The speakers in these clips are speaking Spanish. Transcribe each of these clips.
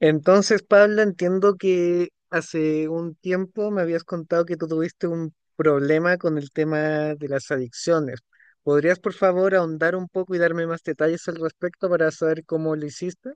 Entonces, Pablo, entiendo que hace un tiempo me habías contado que tú tuviste un problema con el tema de las adicciones. ¿Podrías, por favor, ahondar un poco y darme más detalles al respecto para saber cómo lo hiciste?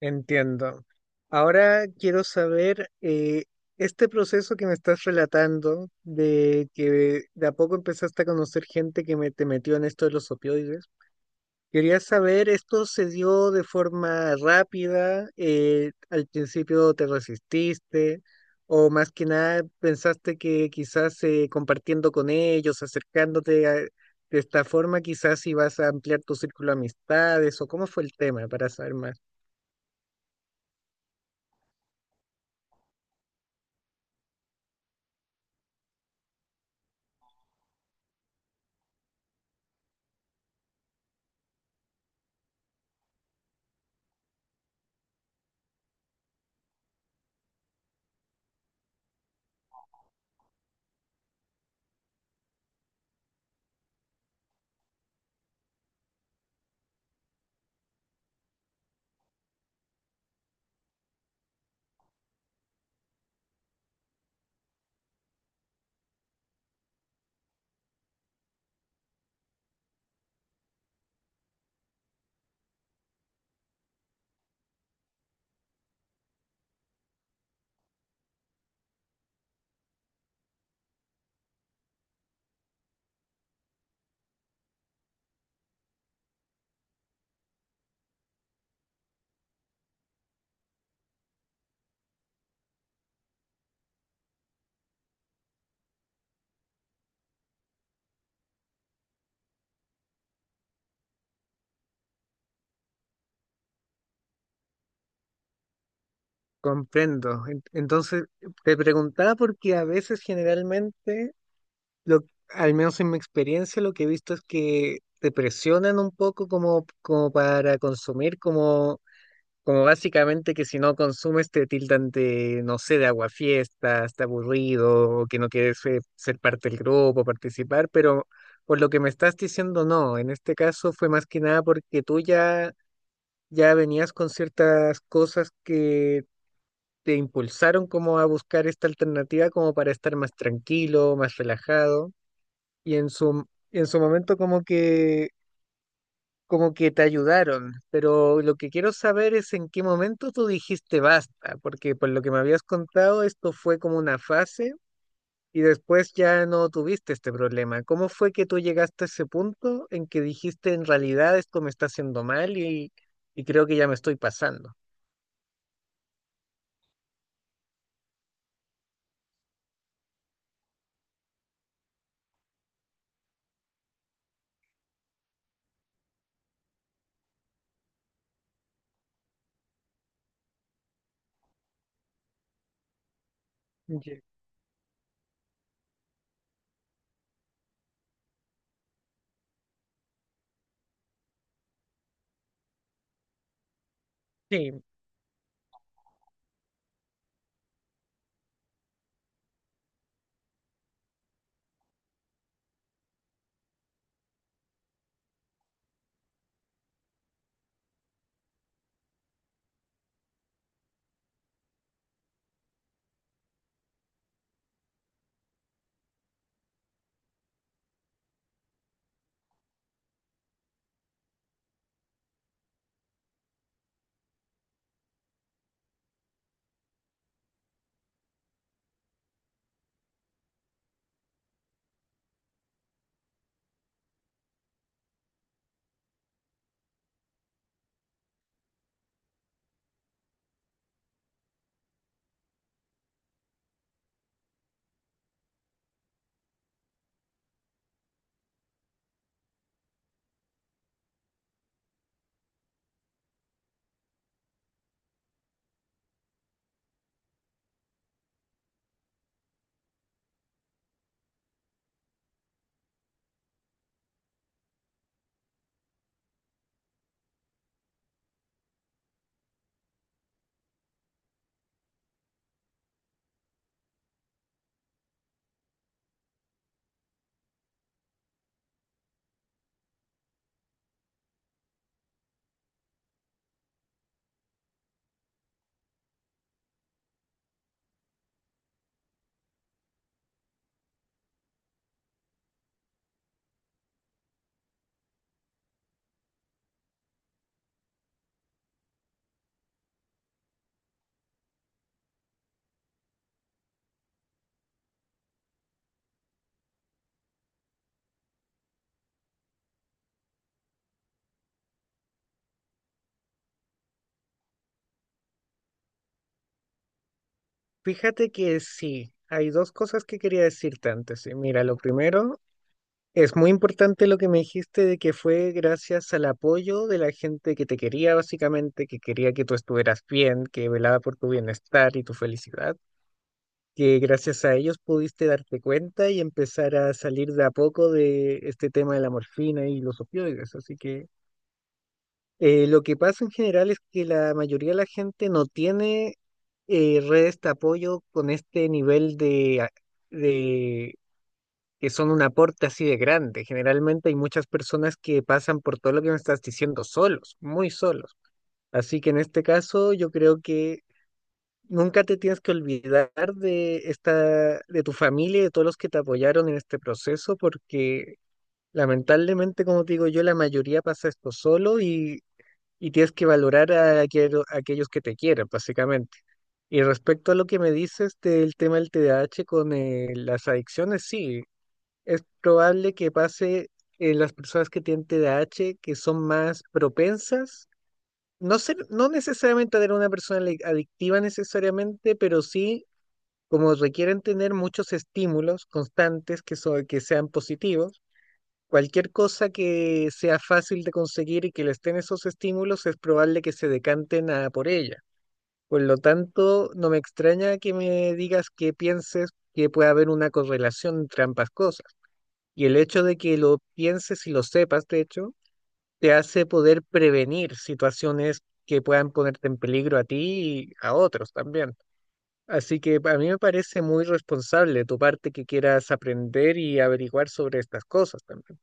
Entiendo. Ahora quiero saber, este proceso que me estás relatando de que de a poco empezaste a conocer gente que te metió en esto de los opioides. Quería saber, ¿esto se dio de forma rápida? ¿Al principio te resististe? ¿O más que nada pensaste que quizás compartiendo con ellos, acercándote de esta forma, quizás ibas a ampliar tu círculo de amistades? ¿O cómo fue el tema para saber más? Comprendo. Entonces, te preguntaba porque a veces generalmente, lo, al menos en mi experiencia, lo que he visto es que te presionan un poco como para consumir como básicamente que si no consumes te tildan de, no sé, de aguafiestas, está aburrido, o que no quieres ser parte del grupo, participar. Pero por lo que me estás diciendo, no, en este caso fue más que nada porque tú ya, venías con ciertas cosas que te impulsaron como a buscar esta alternativa como para estar más tranquilo, más relajado, y en su momento como que te ayudaron, pero lo que quiero saber es en qué momento tú dijiste basta, porque por lo que me habías contado, esto fue como una fase y después ya no tuviste este problema. ¿Cómo fue que tú llegaste a ese punto en que dijiste en realidad esto me está haciendo mal y creo que ya me estoy pasando? Ye- Sí, fíjate que sí, hay dos cosas que quería decirte antes. Y mira, lo primero: es muy importante lo que me dijiste de que fue gracias al apoyo de la gente que te quería, básicamente, que quería que tú estuvieras bien, que velaba por tu bienestar y tu felicidad, que gracias a ellos pudiste darte cuenta y empezar a salir de a poco de este tema de la morfina y los opioides. Así que lo que pasa en general es que la mayoría de la gente no tiene redes de apoyo con este nivel de que son un aporte así de grande. Generalmente hay muchas personas que pasan por todo lo que me estás diciendo solos, muy solos. Así que en este caso yo creo que nunca te tienes que olvidar de tu familia y de todos los que te apoyaron en este proceso, porque lamentablemente, como te digo yo, la mayoría pasa esto solo y tienes que valorar a aquellos que te quieren, básicamente. Y respecto a lo que me dices del tema del T D A H con las adicciones, sí, es probable que pase en las personas que tienen TDAH, que son más propensas, no ser, no necesariamente a tener una persona adictiva necesariamente, pero sí como requieren tener muchos estímulos constantes que sean positivos. Cualquier cosa que sea fácil de conseguir y que les den esos estímulos es probable que se decanten a por ella. Por lo tanto, no me extraña que me digas que pienses que puede haber una correlación entre ambas cosas. Y el hecho de que lo pienses y lo sepas, de hecho, te hace poder prevenir situaciones que puedan ponerte en peligro a ti y a otros también. Así que a mí me parece muy responsable de tu parte que quieras aprender y averiguar sobre estas cosas también.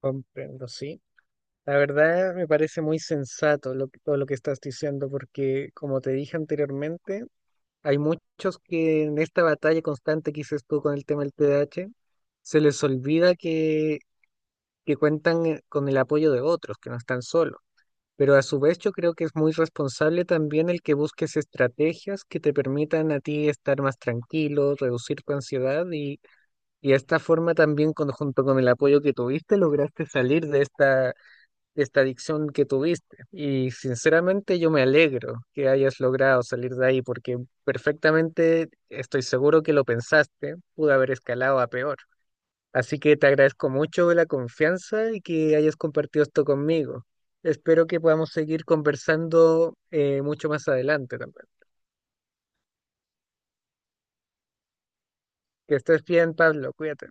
Comprendo, sí. La verdad me parece muy sensato todo lo que estás diciendo porque, como te dije anteriormente, hay muchos que en esta batalla constante que dices tú con el tema del TDAH, se les olvida que cuentan con el apoyo de otros, que no están solos. Pero a su vez yo creo que es muy responsable también el que busques estrategias que te permitan a ti estar más tranquilo, reducir tu ansiedad y de esta forma también junto con el apoyo que tuviste lograste salir de esta adicción que tuviste. Y sinceramente yo me alegro que hayas logrado salir de ahí porque perfectamente estoy seguro que lo pensaste, pudo haber escalado a peor. Así que te agradezco mucho la confianza y que hayas compartido esto conmigo. Espero que podamos seguir conversando mucho más adelante también. Que estés bien, Pablo, cuídate.